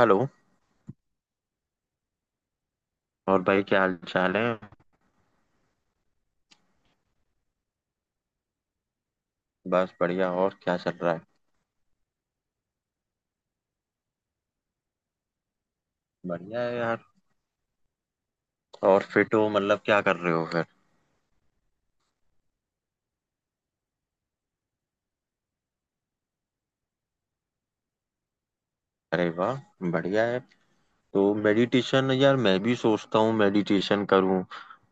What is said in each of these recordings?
Hello. और भाई क्या हाल चाल है। बस बढ़िया। और क्या चल रहा है। बढ़िया है यार। और फिट हो मतलब क्या कर रहे हो फिर। अरे वाह। बढ़िया है। तो मेडिटेशन यार, मैं भी सोचता हूँ मेडिटेशन करूँ।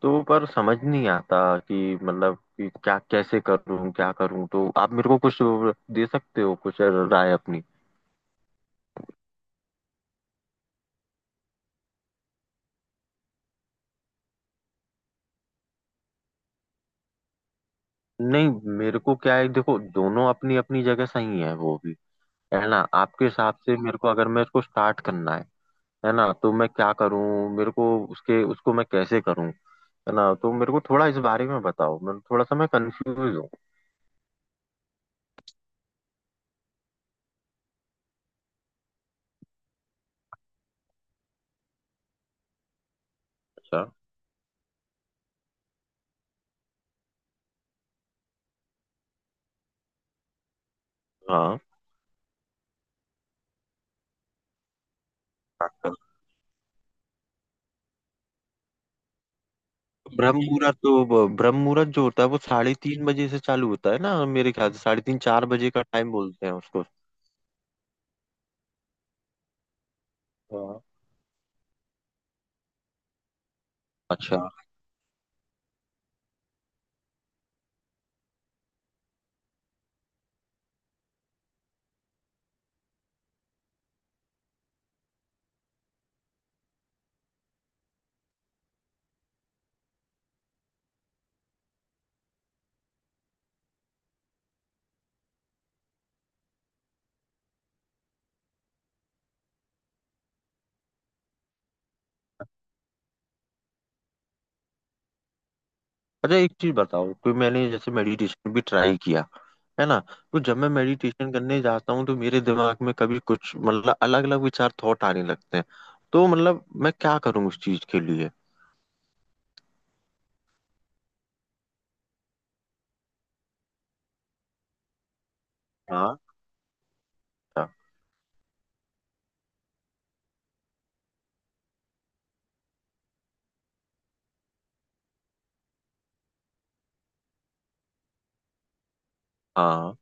तो पर समझ नहीं आता कि मतलब कि क्या कैसे करूँ, क्या करूँ। तो आप मेरे को कुछ दे सकते हो, कुछ राय अपनी। नहीं, मेरे को क्या है, देखो, दोनों अपनी अपनी जगह सही है, वो भी है ना। आपके हिसाब से मेरे को, अगर मैं इसको स्टार्ट करना है ना, तो मैं क्या करूं। मेरे को उसके उसको मैं कैसे करूं, है ना। तो मेरे को थोड़ा इस बारे में बताओ, मैं थोड़ा सा मैं कंफ्यूज हूँ। अच्छा। हाँ, ब्रह्म मुहूर्त। तो ब्रह्म मुहूर्त जो होता है वो 3:30 बजे से चालू होता है ना, मेरे ख्याल से। साढ़े तीन चार बजे का टाइम बोलते हैं उसको। हाँ। अच्छा। अच्छा, एक चीज बताओ कि मैंने जैसे मेडिटेशन भी ट्राई किया, है ना, तो जब मैं मेडिटेशन करने जाता हूँ तो मेरे दिमाग में कभी कुछ मतलब अलग अलग विचार, थॉट आने लगते हैं। तो मतलब मैं क्या करूँ उस चीज के लिए। हाँ। हाँ।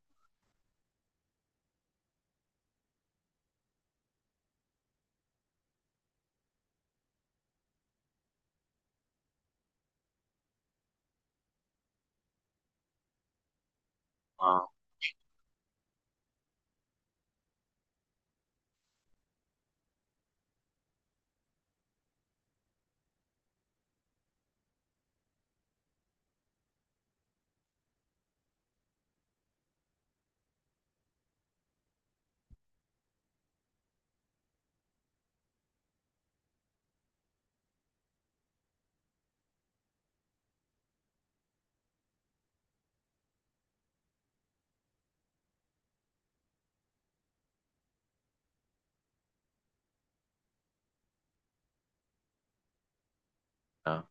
हाँ।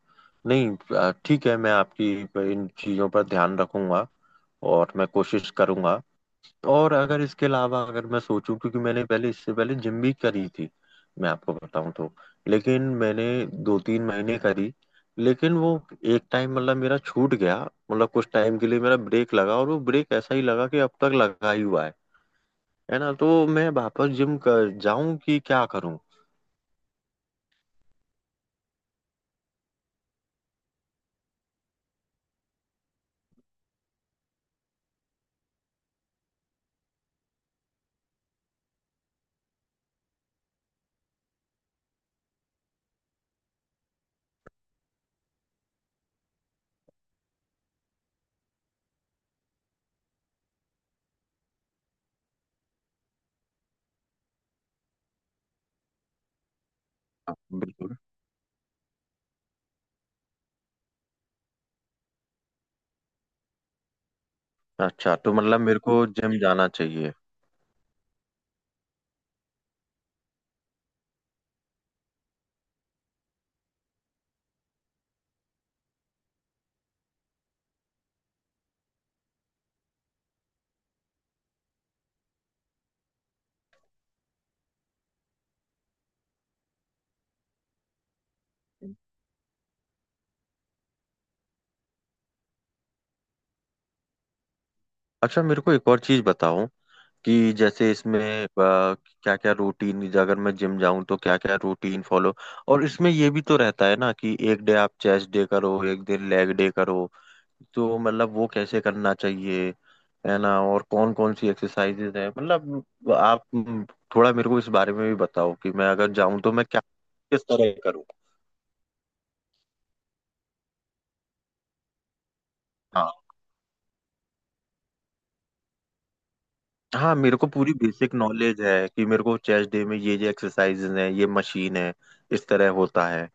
नहीं, ठीक है, मैं आपकी इन चीज़ों पर ध्यान रखूंगा। और मैं कोशिश करूंगा। और अगर इसके अलावा, अगर मैं सोचूं, क्योंकि मैंने पहले, इससे पहले जिम भी करी थी, मैं आपको बताऊं तो। लेकिन मैंने दो तीन महीने करी। लेकिन वो एक टाइम मतलब मेरा छूट गया। मतलब कुछ टाइम के लिए मेरा ब्रेक लगा, और वो ब्रेक ऐसा ही लगा कि अब तक लगा ही हुआ है ना। तो मैं वापस जिम कर जाऊं कि क्या करूं। हाँ, बिल्कुल। अच्छा, तो मतलब मेरे को जिम जाना चाहिए। अच्छा, मेरे को एक और चीज बताओ कि जैसे इसमें क्या क्या रूटीन, अगर मैं जिम जाऊं तो क्या क्या रूटीन फॉलो। और इसमें ये भी तो रहता है ना कि एक डे आप चेस्ट डे करो, एक दिन लेग डे करो। तो मतलब वो कैसे करना चाहिए, है ना। और कौन कौन सी एक्सरसाइजेज है, मतलब आप, थोड़ा मेरे को इस बारे में भी बताओ कि मैं अगर जाऊं तो मैं क्या, किस तरह करूँ। हाँ। हाँ, मेरे को पूरी बेसिक नॉलेज है कि मेरे को चेस्ट डे में ये एक्सरसाइजेज है, ये मशीन है, इस तरह होता है।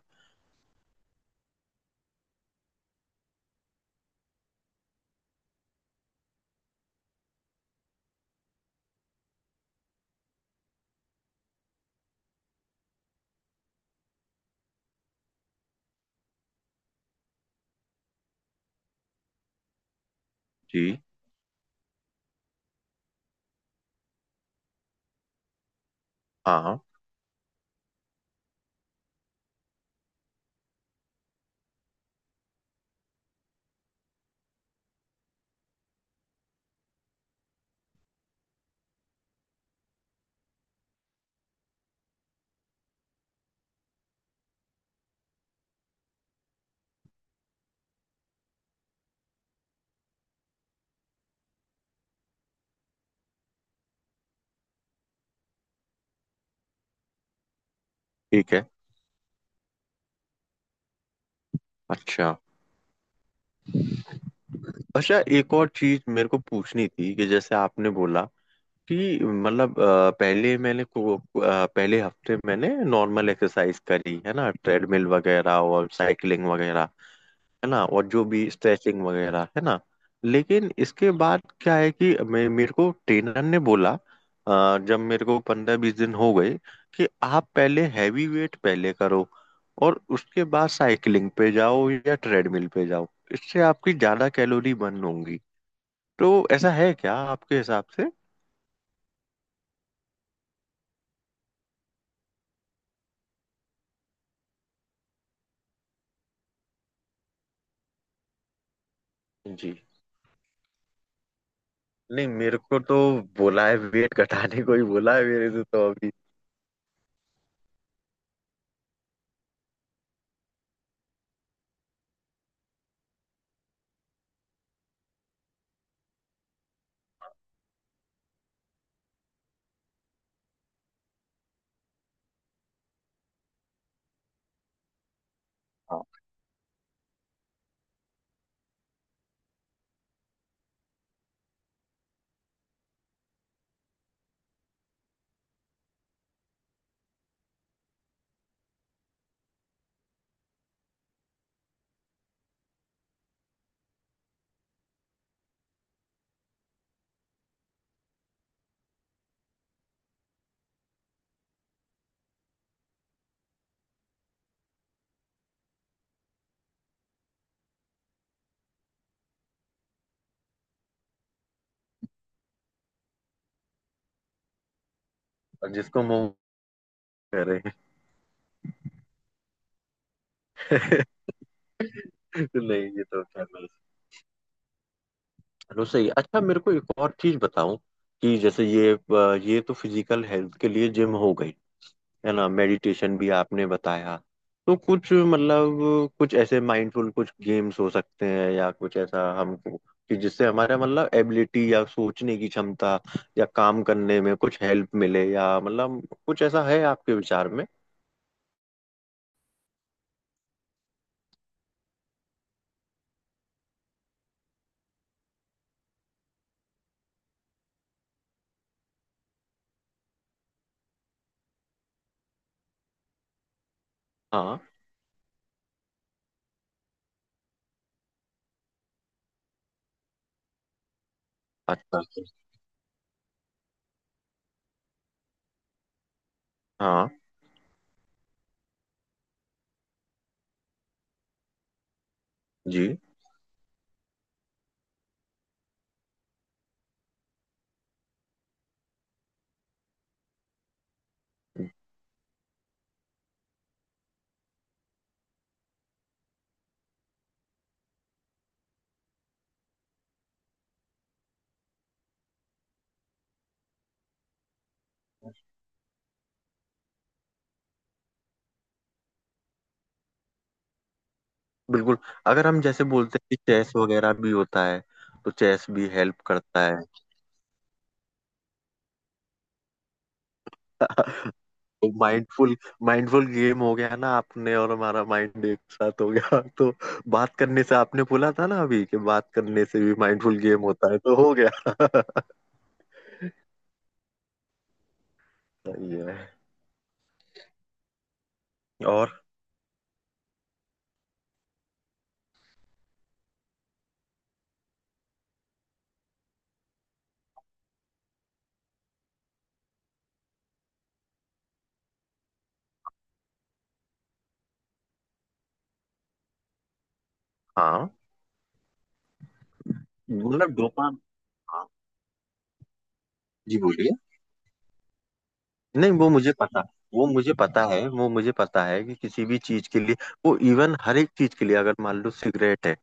जी। हाँ। ठीक है। अच्छा। अच्छा, एक और चीज मेरे को पूछनी थी कि जैसे आपने बोला कि मतलब, पहले पहले हफ्ते मैंने नॉर्मल एक्सरसाइज करी, है ना, ट्रेडमिल वगैरह और साइकिलिंग वगैरह, है ना। और जो भी स्ट्रेचिंग वगैरह, है ना। लेकिन इसके बाद क्या है कि मैं, मेरे को ट्रेनर ने बोला, जब मेरे को पंद्रह बीस दिन हो गए, कि आप पहले हैवी वेट पहले करो और उसके बाद साइकिलिंग पे जाओ या ट्रेडमिल पे जाओ, इससे आपकी ज्यादा कैलोरी बर्न होंगी। तो ऐसा है क्या आपके हिसाब से। जी। नहीं, मेरे को तो बोला है, वेट घटाने को ही बोला है मेरे से तो अभी। हाँ, अब जिसको मुंह करे। नहीं, ये तो क्या रसोई। अच्छा, मेरे को एक और चीज बताओ कि जैसे ये, ये तो फिजिकल हेल्थ के लिए जिम हो गई, है ना। मेडिटेशन भी आपने बताया। तो कुछ मतलब कुछ ऐसे माइंडफुल कुछ गेम्स हो सकते हैं या कुछ ऐसा हमको, कि जिससे हमारा मतलब एबिलिटी या सोचने की क्षमता या काम करने में कुछ हेल्प मिले, या मतलब कुछ ऐसा है आपके विचार में। हाँ। अच्छा। हाँ। जी। बिल्कुल। अगर हम जैसे बोलते हैं कि चेस वगैरह भी होता है, तो चेस भी हेल्प करता है। माइंडफुल, माइंडफुल गेम हो गया ना आपने, और हमारा माइंड एक साथ हो गया, तो बात करने से, आपने बोला था ना अभी कि बात करने से भी माइंडफुल गेम होता है, तो हो गया। सही है। और, हाँ। मतलब डोपाम हाँ। जी, बोलिए। नहीं, वो मुझे पता, वो मुझे पता है, वो मुझे पता है कि किसी भी चीज के लिए, वो इवन हर एक चीज के लिए, अगर मान लो सिगरेट है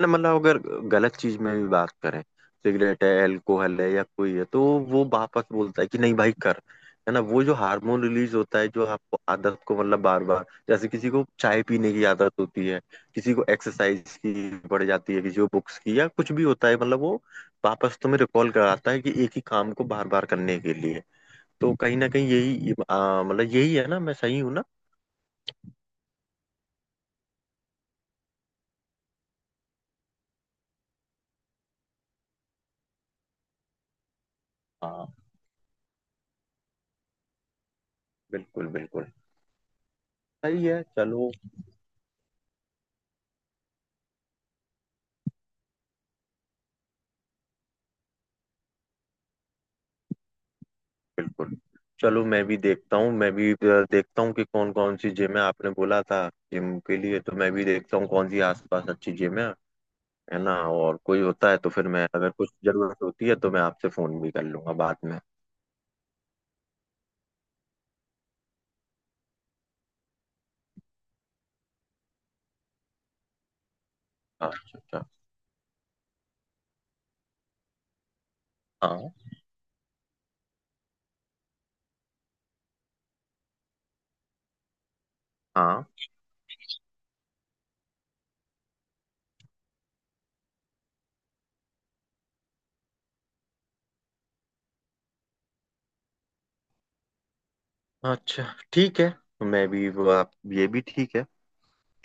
ना, मतलब अगर गलत चीज में भी बात करें, सिगरेट है, एल्कोहल है या कोई है, तो वो वापस बोलता है कि नहीं भाई कर। है ना, वो जो हार्मोन रिलीज होता है, जो आपको आदत को मतलब बार बार, जैसे किसी को चाय पीने की आदत होती है, किसी को एक्सरसाइज की पड़ जाती है, किसी को बुक्स की, या कुछ भी होता है मतलब, वो वापस तुम्हें रिकॉल कराता है कि एक ही काम को बार बार करने के लिए। तो कहीं ना कहीं यही मतलब, यही है ना, मैं सही हूँ ना। हाँ, बिल्कुल बिल्कुल। सही है, चलो। बिल्कुल। चलो, मैं भी देखता हूँ, मैं भी देखता हूँ कि कौन कौन सी जिम है, आपने बोला था। जिम के लिए तो मैं भी देखता हूँ कौन सी आसपास अच्छी जिम है ना। और कोई होता है तो फिर मैं, अगर कुछ जरूरत होती है तो मैं आपसे फोन भी कर लूंगा बाद में। हाँ, अच्छा अच्छा। हाँ। हाँ। अच्छा। ठीक है। मैं भी, वो आप ये भी ठीक है।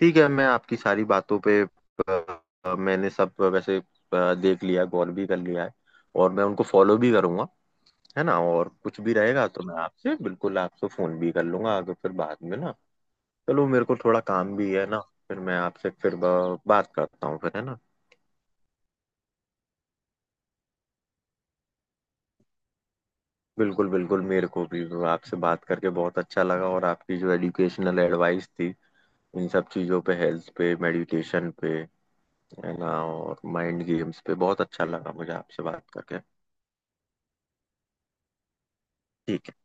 ठीक है, मैं आपकी सारी बातों पे, मैंने सब वैसे देख लिया, गौर भी कर लिया है। और मैं उनको फॉलो भी करूंगा, है ना। और कुछ भी रहेगा तो मैं आपसे, बिल्कुल आपसे फोन भी कर लूंगा आगे फिर बाद में ना। चलो, मेरे को थोड़ा काम भी है ना। फिर मैं आपसे फिर बात करता हूँ फिर, है ना। बिल्कुल बिल्कुल। मेरे को भी आपसे बात करके बहुत अच्छा लगा, और आपकी जो एजुकेशनल एडवाइस थी इन सब चीज़ों पे, हेल्थ पे, मेडिटेशन पे, है ना, और माइंड गेम्स पे, बहुत अच्छा लगा मुझे आपसे बात करके। ठीक है।